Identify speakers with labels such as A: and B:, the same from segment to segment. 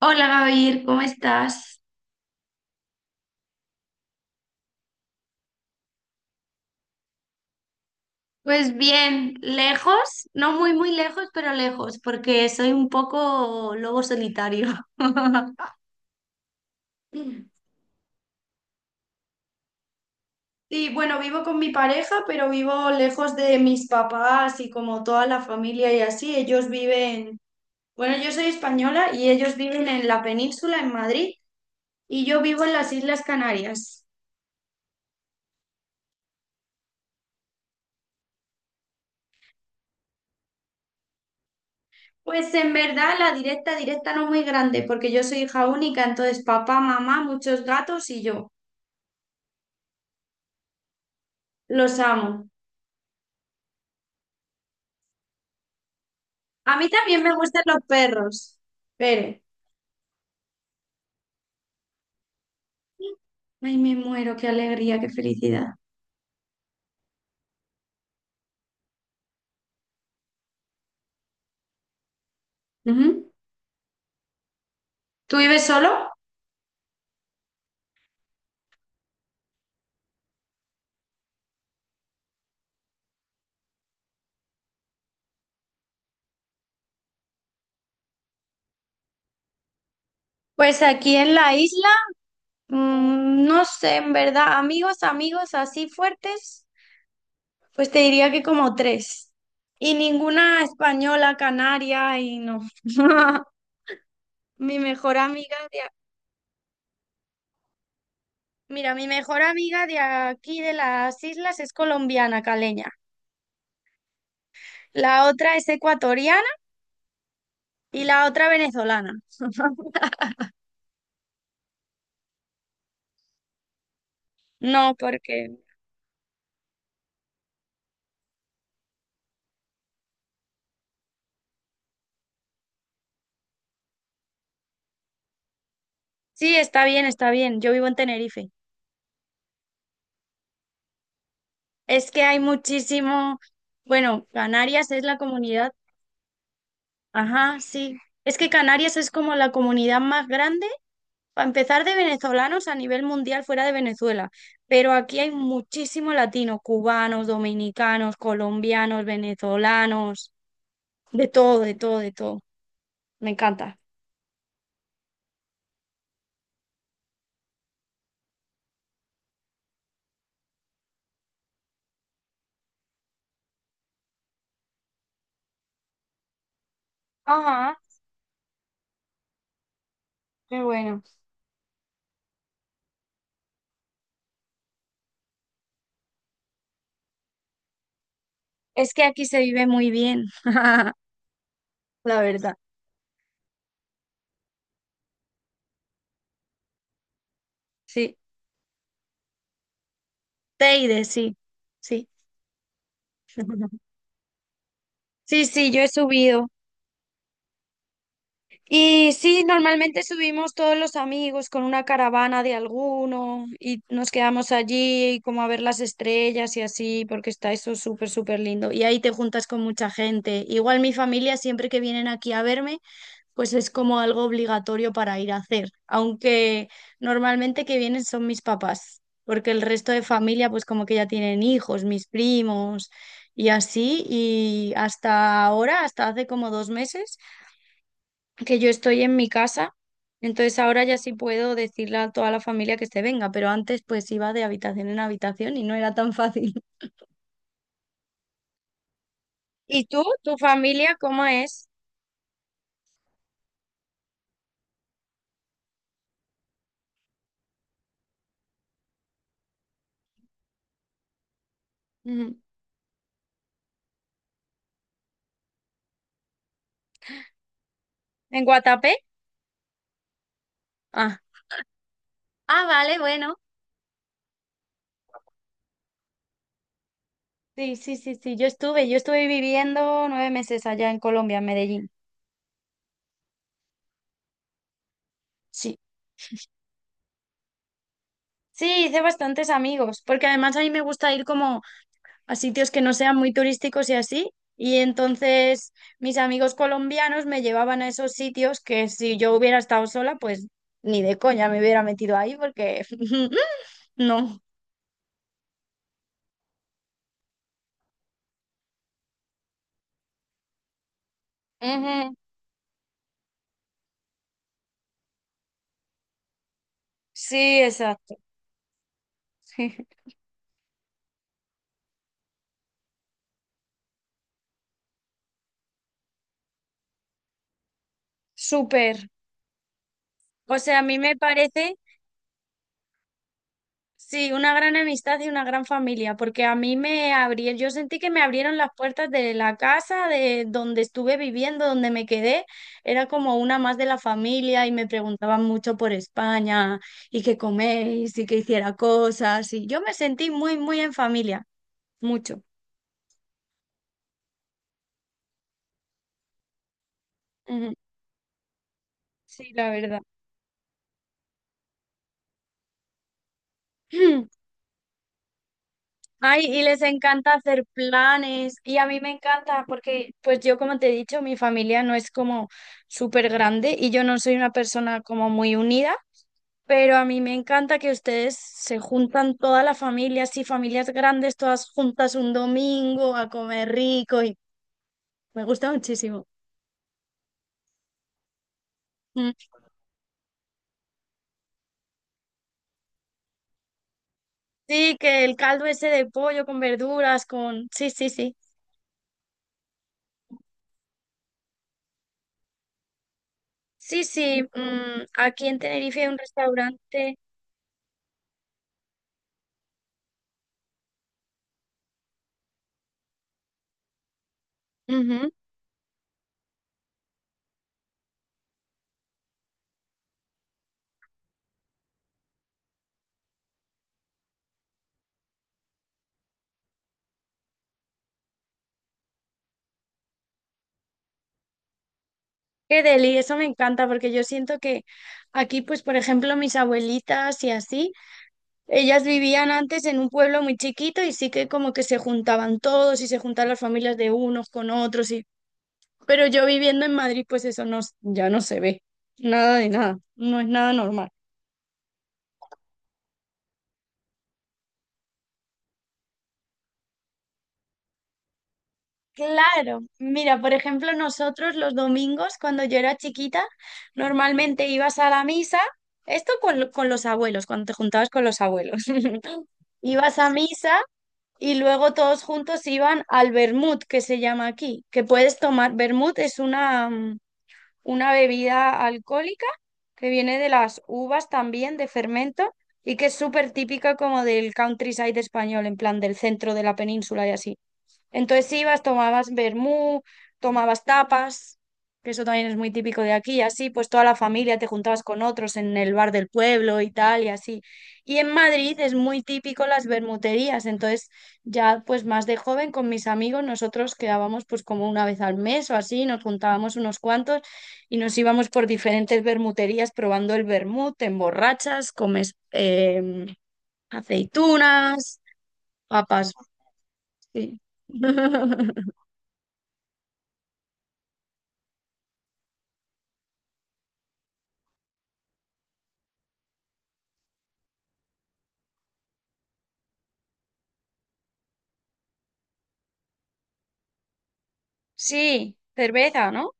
A: Hola Gabriel, ¿cómo estás? Pues bien, lejos, no muy muy lejos, pero lejos, porque soy un poco lobo solitario. Sí, bueno, vivo con mi pareja, pero vivo lejos de mis papás y como toda la familia y así. Ellos viven, bueno, yo soy española y ellos viven en la península, en Madrid, y yo vivo en las Islas Canarias. Pues en verdad la directa, directa no muy grande, porque yo soy hija única, entonces papá, mamá, muchos gatos y yo. Los amo. A mí también me gustan los perros. Pero, ay, me muero, qué alegría, qué felicidad. Ujú. ¿Tú vives solo? Pues aquí en la isla, no sé, en verdad, amigos, amigos así fuertes, pues te diría que como tres. Y ninguna española, canaria, y no. Mi mejor amiga de, a- Mira, mi mejor amiga de aquí de las islas es colombiana, caleña. La otra es ecuatoriana y la otra venezolana. No, porque sí, está bien, está bien. Yo vivo en Tenerife. Es que hay muchísimo, bueno, Canarias es la comunidad, ajá, sí. Es que Canarias es como la comunidad más grande, para empezar, de venezolanos a nivel mundial fuera de Venezuela. Pero aquí hay muchísimo latino, cubanos, dominicanos, colombianos, venezolanos, de todo, de todo, de todo. Me encanta. Ajá, qué bueno. Es que aquí se vive muy bien, la verdad. Sí. Teide, sí, sí. Sí, sí, yo he subido. Y sí, normalmente subimos todos los amigos con una caravana de alguno y nos quedamos allí como a ver las estrellas y así, porque está eso súper, súper lindo. Y ahí te juntas con mucha gente. Igual mi familia, siempre que vienen aquí a verme, pues es como algo obligatorio para ir a hacer, aunque normalmente que vienen son mis papás, porque el resto de familia pues como que ya tienen hijos, mis primos y así, y hasta ahora, hasta hace como 2 meses que yo estoy en mi casa, entonces ahora ya sí puedo decirle a toda la familia que se venga, pero antes pues iba de habitación en habitación y no era tan fácil. ¿Y tú, tu familia, cómo es? Ujú. ¿En Guatapé? Ah, ah, vale, bueno. Sí, sí, sí, sí, yo estuve viviendo 9 meses allá en Colombia, en Medellín. Sí, sí, hice bastantes amigos, porque además a mí me gusta ir como a sitios que no sean muy turísticos y así, y entonces mis amigos colombianos me llevaban a esos sitios que si yo hubiera estado sola, pues ni de coña me hubiera metido ahí, porque no. Ujú. Sí, exacto. Súper. O sea, a mí me parece sí, una gran amistad y una gran familia, porque a mí me abrieron, yo sentí que me abrieron las puertas de la casa, de donde estuve viviendo, donde me quedé, era como una más de la familia y me preguntaban mucho por España y qué coméis y que hiciera cosas y yo me sentí muy, muy en familia, mucho. Ujú. Sí, la verdad. Ay, y les encanta hacer planes y a mí me encanta porque, pues yo como te he dicho, mi familia no es como súper grande y yo no soy una persona como muy unida, pero a mí me encanta que ustedes se juntan toda la familia, así familias grandes, todas juntas un domingo a comer rico y me gusta muchísimo. Mm. Sí, que el caldo ese de pollo con verduras, con... Sí, sí, sí. Sí, sí, mm, aquí en Tenerife hay un restaurante. Ujú. Qué deli, eso me encanta porque yo siento que aquí, pues por ejemplo, mis abuelitas y así, ellas vivían antes en un pueblo muy chiquito y sí que como que se juntaban todos y se juntaban las familias de unos con otros y pero yo viviendo en Madrid, pues eso no, ya no se ve. Nada de nada, no es nada normal. Claro, mira, por ejemplo, nosotros los domingos, cuando yo era chiquita, normalmente ibas a la misa, esto con los abuelos, cuando te juntabas con los abuelos. Ibas a misa y luego todos juntos iban al vermut, que se llama aquí, que puedes tomar. Vermut es una bebida alcohólica que viene de las uvas también, de fermento, y que es súper típica como del countryside español, en plan del centro de la península y así. Entonces ibas, tomabas vermú, tomabas tapas, que eso también es muy típico de aquí, y así pues toda la familia te juntabas con otros en el bar del pueblo y tal, y así. Y en Madrid es muy típico las vermuterías, entonces ya pues más de joven con mis amigos nosotros quedábamos pues como una vez al mes o así, nos juntábamos unos cuantos y nos íbamos por diferentes vermuterías probando el vermut, te emborrachas, comes aceitunas, papas, sí. Sí, cerveza, ¿no?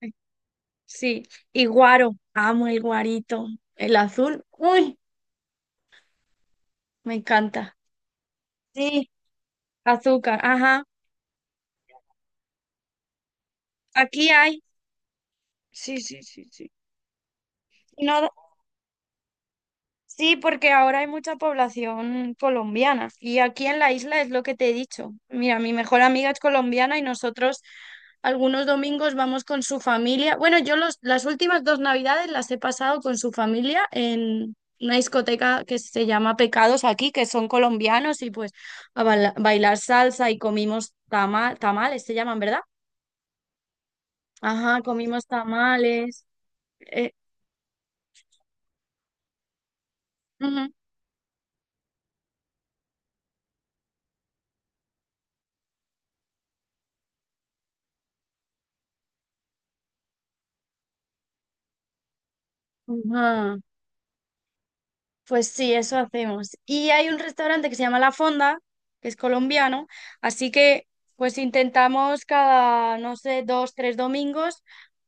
A: Sí. Sí. Y guaro, amo el guarito. El azul, uy, me encanta. Sí, azúcar, ajá. Aquí hay. Sí, sí, sí, sí. No. Sí, porque ahora hay mucha población colombiana y aquí en la isla es lo que te he dicho. Mira, mi mejor amiga es colombiana y nosotros algunos domingos vamos con su familia. Bueno, yo los, las últimas dos navidades las he pasado con su familia en una discoteca que se llama Pecados aquí, que son colombianos y pues a bailar salsa y comimos tamales, se llaman, ¿verdad? Ajá, comimos tamales. Eh, ujú, ajá. Pues sí, eso hacemos. Y hay un restaurante que se llama La Fonda, que es colombiano, así que pues intentamos cada, no sé, dos, tres domingos,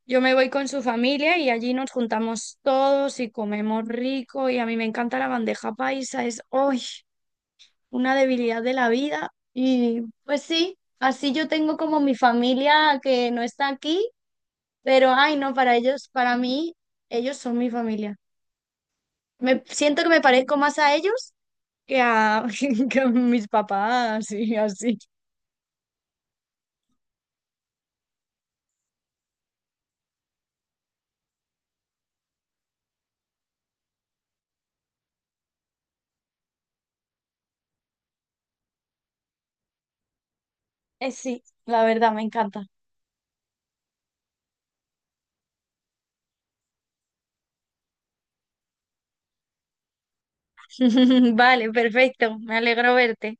A: yo me voy con su familia y allí nos juntamos todos y comemos rico y a mí me encanta la bandeja paisa, es hoy una debilidad de la vida. Y pues sí, así yo tengo como mi familia que no está aquí, pero ay, no, para ellos, para mí, ellos son mi familia. Me siento que me parezco más a ellos que a, que a mis papás y así. Sí, la verdad, me encanta. Vale, perfecto. Me alegro verte.